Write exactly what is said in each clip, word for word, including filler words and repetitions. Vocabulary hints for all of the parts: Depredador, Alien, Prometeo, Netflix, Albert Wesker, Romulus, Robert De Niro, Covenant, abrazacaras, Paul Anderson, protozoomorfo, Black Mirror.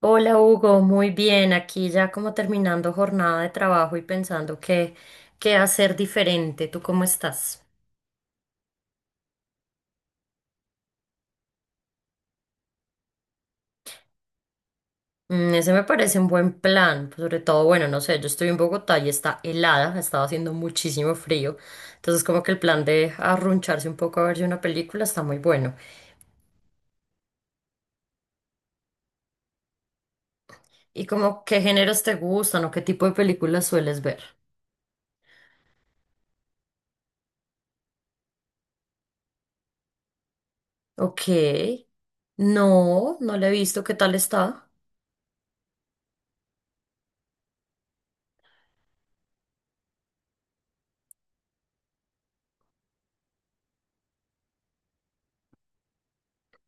Hola Hugo, muy bien. Aquí ya como terminando jornada de trabajo y pensando qué, qué hacer diferente. ¿Tú cómo estás? Mm, ese me parece un buen plan. Pues, sobre todo, bueno, no sé, yo estoy en Bogotá y está helada, ha estado haciendo muchísimo frío. Entonces como que el plan de arruncharse un poco a verse una película está muy bueno. ¿Y como qué géneros te gustan o qué tipo de películas sueles ver? Ok. No, no la he visto. ¿Qué tal está?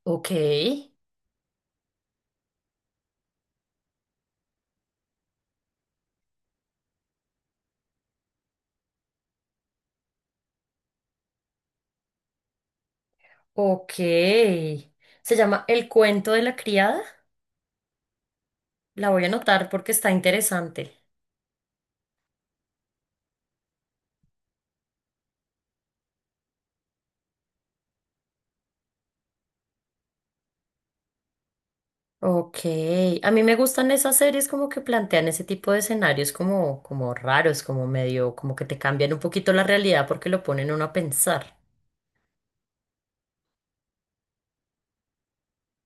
Ok. Ok. Se llama El cuento de la criada. La voy a anotar porque está interesante. Ok. A mí me gustan esas series como que plantean ese tipo de escenarios como, como raros, como medio, como que te cambian un poquito la realidad porque lo ponen uno a pensar.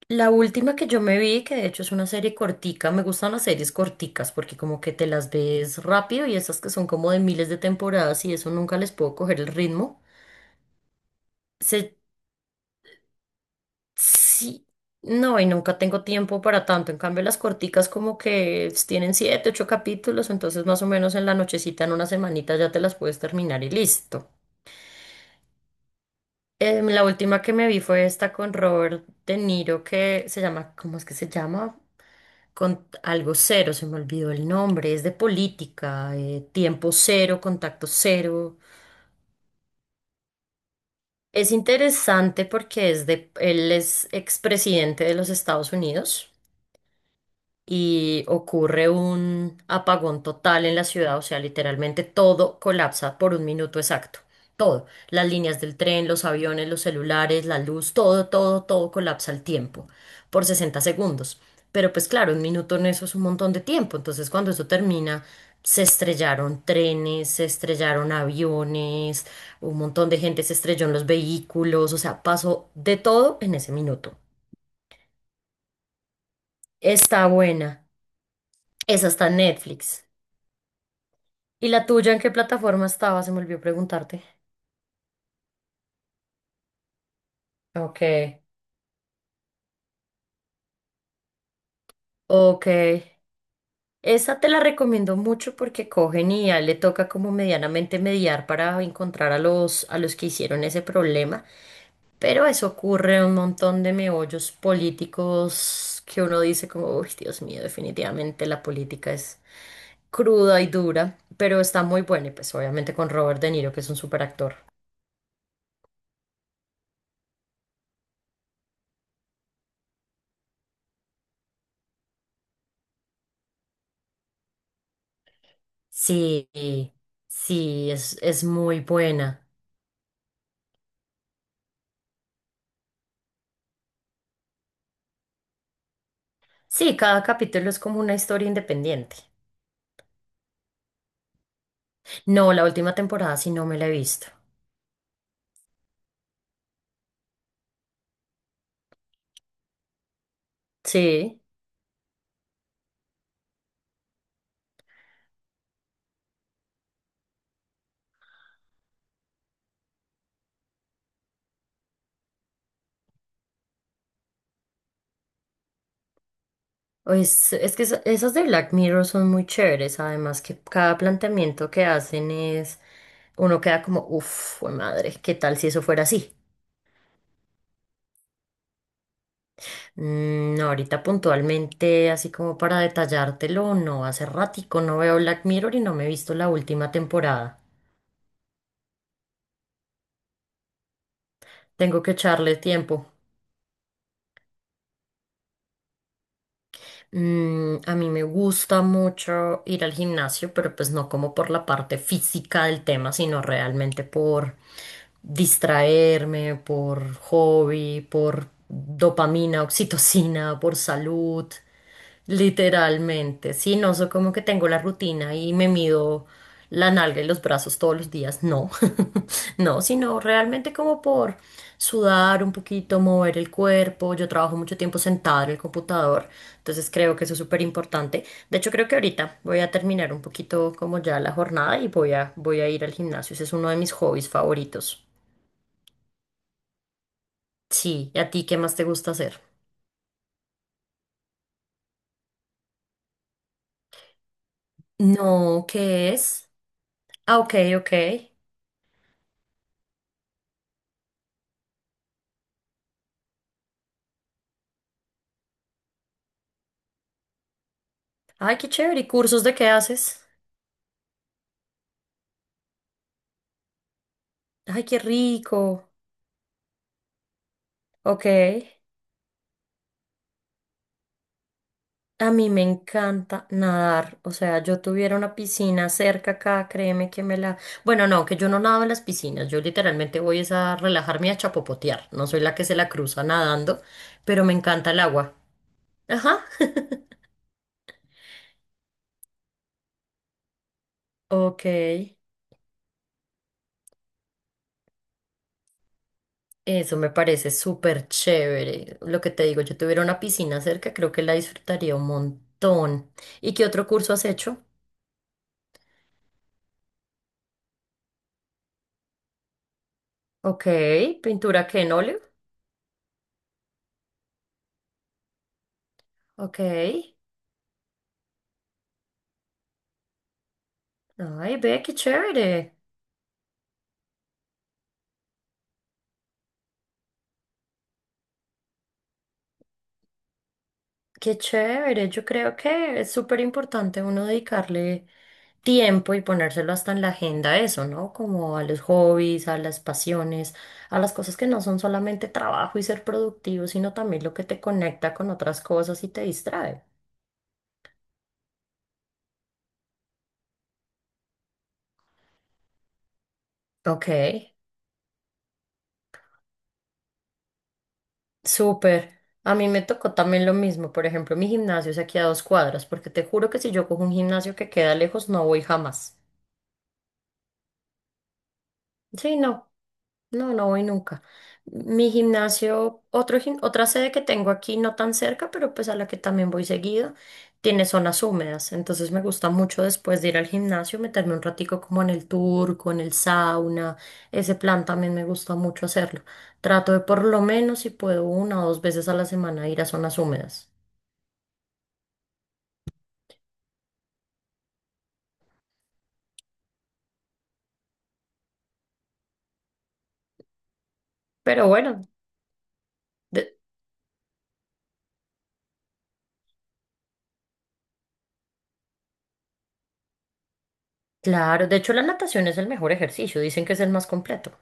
La última que yo me vi, que de hecho es una serie cortica, me gustan las series corticas porque como que te las ves rápido y esas que son como de miles de temporadas y eso nunca les puedo coger el ritmo. Se sí, no, y nunca tengo tiempo para tanto. En cambio, las corticas como que tienen siete, ocho capítulos, entonces más o menos en la nochecita, en una semanita ya te las puedes terminar y listo. Em, la última que me vi fue esta con Robert De Niro que se llama, ¿cómo es que se llama? Con algo cero, se me olvidó el nombre, es de política, eh, tiempo cero, contacto cero. Es interesante porque es de, él es expresidente de los Estados Unidos y ocurre un apagón total en la ciudad, o sea, literalmente todo colapsa por un minuto exacto. Todo, las líneas del tren, los aviones, los celulares, la luz, todo, todo, todo colapsa al tiempo, por sesenta segundos. Pero pues claro, un minuto en eso es un montón de tiempo, entonces cuando eso termina, se estrellaron trenes, se estrellaron aviones, un montón de gente se estrelló en los vehículos, o sea, pasó de todo en ese minuto. Está buena. Esa está en Netflix. ¿Y la tuya en qué plataforma estaba? Se me olvidó preguntarte. Ok. Ok. Esa te la recomiendo mucho porque cogen y ya le toca como medianamente mediar para encontrar a los, a los que hicieron ese problema. Pero eso ocurre en un montón de meollos políticos que uno dice como, uy, Dios mío, definitivamente la política es cruda y dura, pero está muy buena y pues obviamente con Robert De Niro, que es un superactor. Sí, sí, es, es muy buena. Sí, cada capítulo es como una historia independiente. No, la última temporada sí no me la he visto. Sí, es, es que esa- esas de Black Mirror son muy chéveres, además que cada planteamiento que hacen es, uno queda como, uff, madre, ¿qué tal si eso fuera así? Mm, no, ahorita puntualmente, así como para detallártelo, no, hace ratico no veo Black Mirror y no me he visto la última temporada. Tengo que echarle tiempo. Mm, a mí me gusta mucho ir al gimnasio, pero pues no como por la parte física del tema, sino realmente por distraerme, por hobby, por dopamina, oxitocina, por salud, literalmente. Sí, no soy como que tengo la rutina y me mido la nalga y los brazos todos los días, no, no, sino realmente como por sudar un poquito, mover el cuerpo. Yo trabajo mucho tiempo sentada en el computador. Entonces creo que eso es súper importante. De hecho, creo que ahorita voy a terminar un poquito como ya la jornada y voy a, voy a ir al gimnasio. Ese es uno de mis hobbies favoritos. Sí, ¿y a ti qué más te gusta hacer? No, ¿qué es? Ah, ok, ok. Ay, qué chévere. ¿Y cursos de qué haces? Ay, qué rico. Ok. A mí me encanta nadar, o sea, yo tuviera una piscina cerca acá, créeme que me la... Bueno, no, que yo no nado en las piscinas, yo literalmente voy es a relajarme y a chapopotear, no soy la que se la cruza nadando, pero me encanta el agua. Ajá. Ok, eso me parece súper chévere. Lo que te digo, yo tuviera una piscina cerca, creo que la disfrutaría un montón. ¿Y qué otro curso has hecho? Ok, pintura que en óleo. Ok. Ay, ve, qué chévere. Qué chévere, yo creo que es súper importante uno dedicarle tiempo y ponérselo hasta en la agenda a eso, ¿no? Como a los hobbies, a las pasiones, a las cosas que no son solamente trabajo y ser productivo, sino también lo que te conecta con otras cosas y te distrae. Ok, súper. A mí me tocó también lo mismo. Por ejemplo, mi gimnasio es aquí a dos cuadras, porque te juro que si yo cojo un gimnasio que queda lejos, no voy jamás. Sí, no. No, no voy nunca. Mi gimnasio, otro, gim- otra sede que tengo aquí, no tan cerca, pero pues a la que también voy seguido, tiene zonas húmedas. Entonces me gusta mucho después de ir al gimnasio meterme un ratico como en el turco, en el sauna. Ese plan también me gusta mucho hacerlo. Trato de por lo menos si puedo una o dos veces a la semana ir a zonas húmedas. Pero bueno, de- claro, de hecho la natación es el mejor ejercicio, dicen que es el más completo.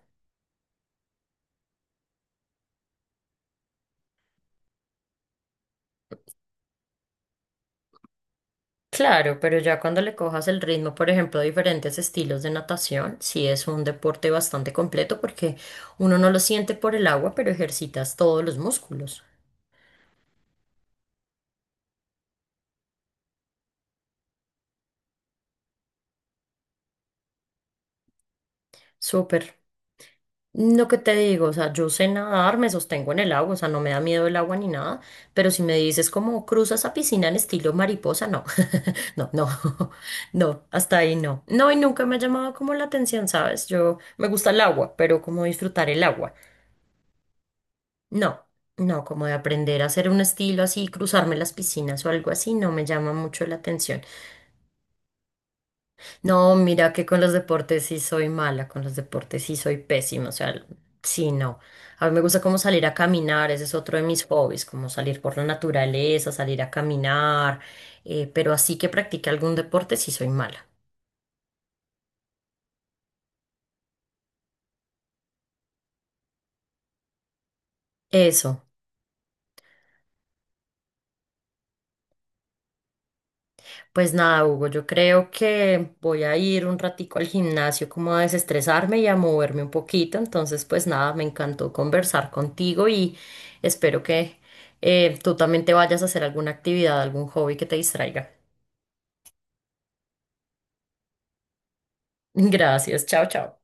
Claro, pero ya cuando le cojas el ritmo, por ejemplo, a diferentes estilos de natación, sí es un deporte bastante completo porque uno no lo siente por el agua, pero ejercitas todos los músculos. Súper. Lo que te digo, o sea, yo sé nadar, me sostengo en el agua, o sea, no me da miedo el agua ni nada, pero si me dices como cruzas a piscina en estilo mariposa, no, no, no, no, hasta ahí no. No, y nunca me ha llamado como la atención, ¿sabes? Yo me gusta el agua, pero como disfrutar el agua. No, no, como de aprender a hacer un estilo así, cruzarme las piscinas o algo así, no me llama mucho la atención. No, mira que con los deportes sí soy mala, con los deportes sí soy pésima, o sea, sí, no. A mí me gusta como salir a caminar, ese es otro de mis hobbies, como salir por la naturaleza, salir a caminar, eh, pero así que practique algún deporte sí soy mala. Eso. Pues nada, Hugo, yo creo que voy a ir un ratico al gimnasio como a desestresarme y a moverme un poquito. Entonces, pues nada, me encantó conversar contigo y espero que eh, tú también te vayas a hacer alguna actividad, algún hobby que te distraiga. Gracias, chao, chao.